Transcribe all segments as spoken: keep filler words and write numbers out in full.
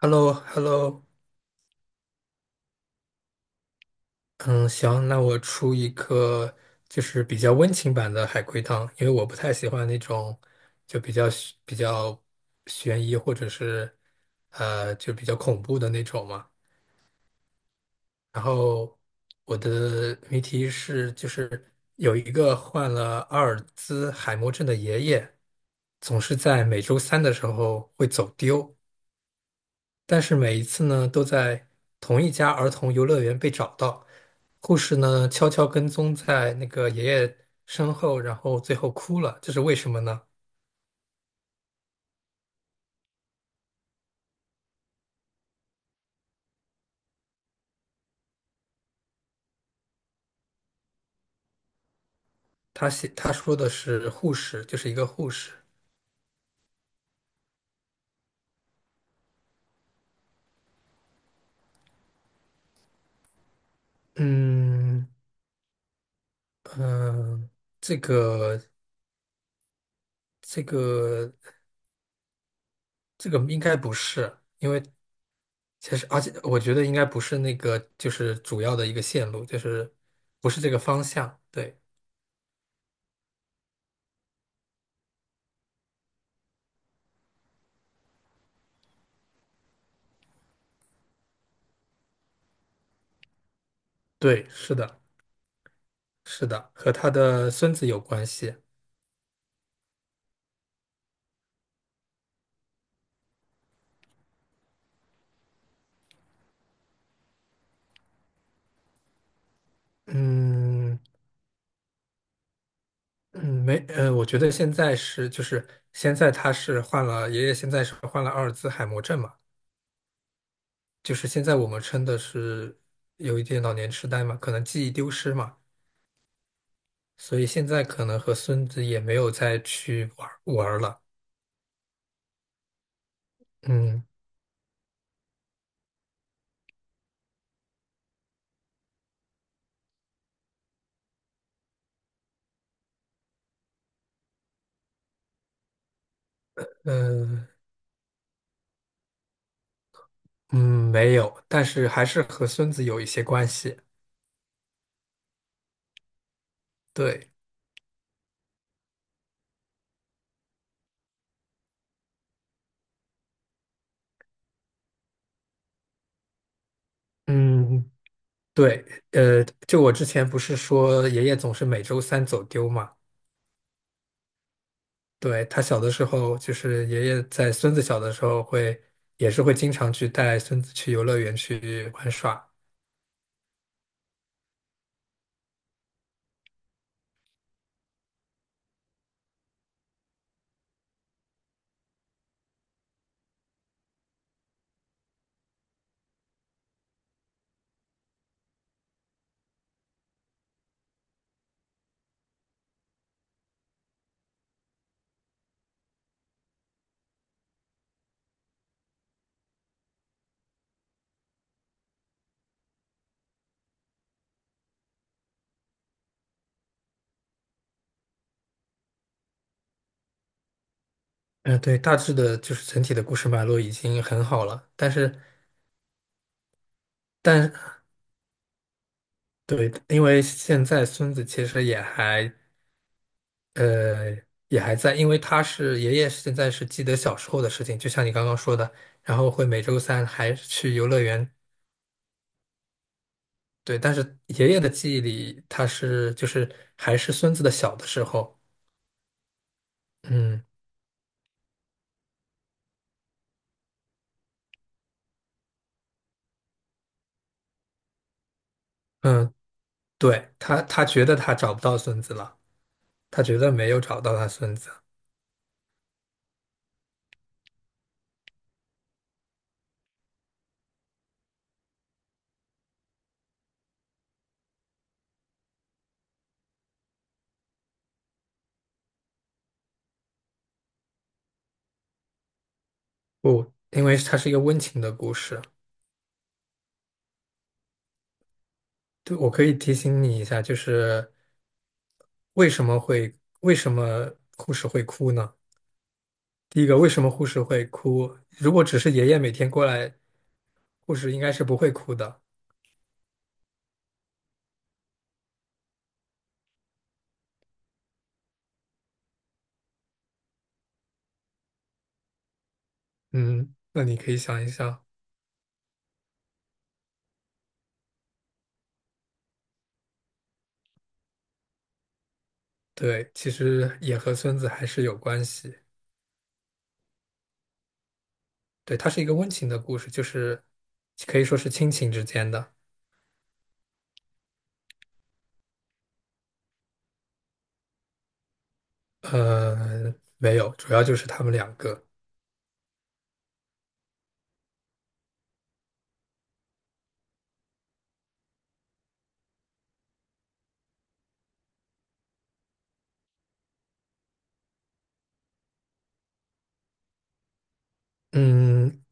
h e l l o h e l l o 嗯，行，那我出一个就是比较温情版的海龟汤，因为我不太喜欢那种就比较悬比较悬疑或者是呃就比较恐怖的那种嘛。然后我的谜题是，就是有一个患了阿尔兹海默症的爷爷，总是在每周三的时候会走丢，但是每一次呢都在同一家儿童游乐园被找到。护士呢悄悄跟踪在那个爷爷身后，然后最后哭了，这是为什么呢？他写他说的是护士，就是一个护士。嗯。嗯，这个这个这个应该不是，因为其实而且我觉得应该不是那个就是主要的一个线路，就是不是这个方向。对。对，是的，是的，和他的孙子有关系。嗯。嗯，没，呃，我觉得现在是就是现在他是患了，爷爷现在是患了阿尔兹海默症嘛，就是现在我们称的是有一点老年痴呆嘛，可能记忆丢失嘛，所以现在可能和孙子也没有再去玩儿玩儿了。嗯，呃，嗯，没有，但是还是和孙子有一些关系。对。嗯，对，呃，就我之前不是说爷爷总是每周三走丢嘛。对，他小的时候，就是爷爷在孙子小的时候会，也是会经常去带孙子去游乐园去玩耍。嗯，对，大致的就是整体的故事脉络已经很好了，但是，但对，因为现在孙子其实也还，呃，也还在，因为他是爷爷现在是记得小时候的事情，就像你刚刚说的，然后会每周三还去游乐园。对，但是爷爷的记忆里，他是就是还是孙子的小的时候。嗯。嗯，对，他，他觉得他找不到孙子了，他觉得没有找到他孙子。不，因为他是一个温情的故事。对，我可以提醒你一下，就是为什么会，为什么护士会哭呢？第一个，为什么护士会哭？如果只是爷爷每天过来，护士应该是不会哭的。嗯，那你可以想一想。对，其实也和孙子还是有关系。对，它是一个温情的故事，就是可以说是亲情之间的。呃，没有，主要就是他们两个。嗯，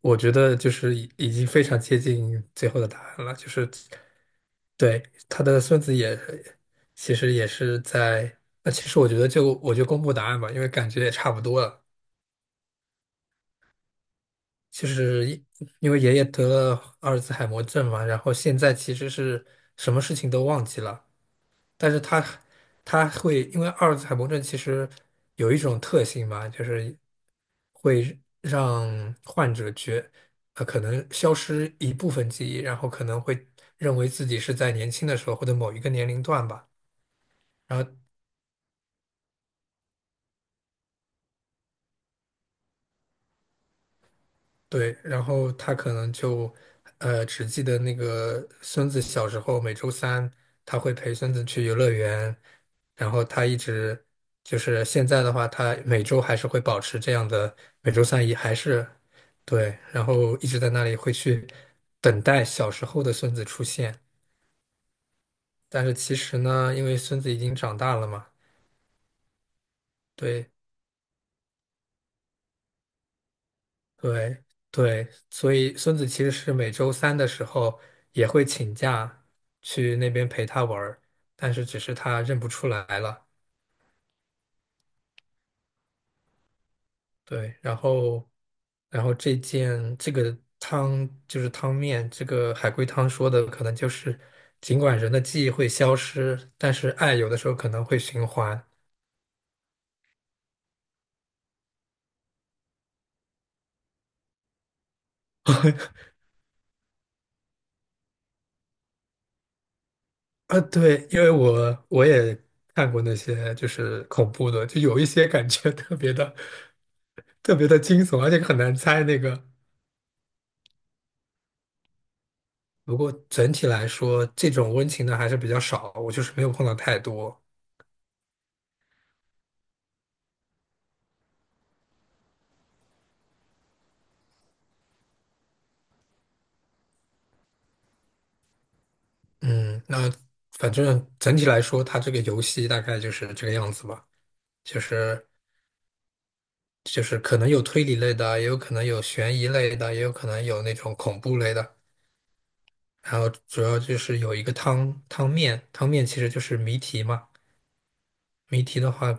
我觉得就是已已经非常接近最后的答案了，就是对他的孙子也其实也是在。那其实我觉得就我就公布答案吧，因为感觉也差不多了。就是一因为爷爷得了阿尔兹海默症嘛，然后现在其实是什么事情都忘记了，但是他他会因为阿尔兹海默症其实有一种特性嘛，就是。会让患者觉，呃，可能消失一部分记忆，然后可能会认为自己是在年轻的时候或者某一个年龄段吧。对，然后他可能就，呃，只记得那个孙子小时候每周三他会陪孙子去游乐园，然后他一直就是现在的话，他每周还是会保持这样的，每周三也还是对，然后一直在那里会去等待小时候的孙子出现。但是其实呢，因为孙子已经长大了嘛，对对对，所以孙子其实是每周三的时候也会请假去那边陪他玩儿，但是只是他认不出来了。对，然后然后这件这个汤就是汤面，这个海龟汤说的可能就是，尽管人的记忆会消失，但是爱有的时候可能会循环。啊，对，因为我我也看过那些就是恐怖的，就有一些感觉特别的特别的惊悚，而且很难猜那个。不过整体来说，这种温情的还是比较少，我就是没有碰到太多。嗯，那反正整体来说，它这个游戏大概就是这个样子吧，就是就是可能有推理类的，也有可能有悬疑类的，也有可能有那种恐怖类的。然后主要就是有一个汤汤面，汤面其实就是谜题嘛。谜题的话，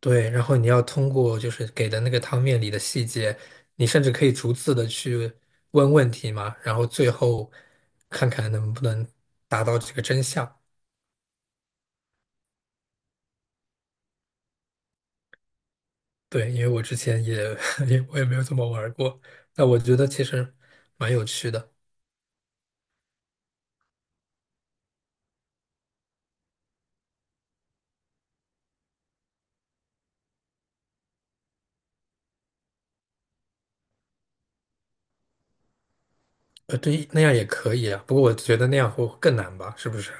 对，然后你要通过就是给的那个汤面里的细节，你甚至可以逐字的去问问题嘛，然后最后看看能不能达到这个真相。对，因为我之前也 也我也没有怎么玩儿过，那我觉得其实蛮有趣的。呃，对，那样也可以啊，不过我觉得那样会更难吧，是不是？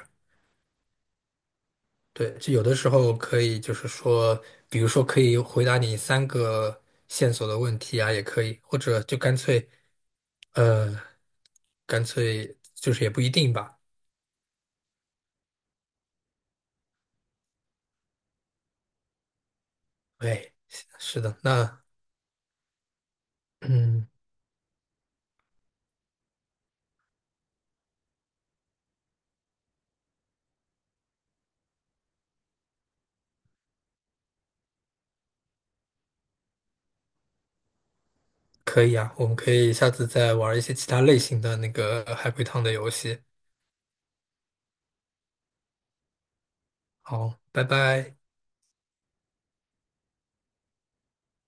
对，就有的时候可以，就是说，比如说可以回答你三个线索的问题啊，也可以，或者就干脆呃，干脆就是也不一定吧。哎，是的，那嗯，可以啊，我们可以下次再玩一些其他类型的那个海龟汤的游戏。好，拜拜。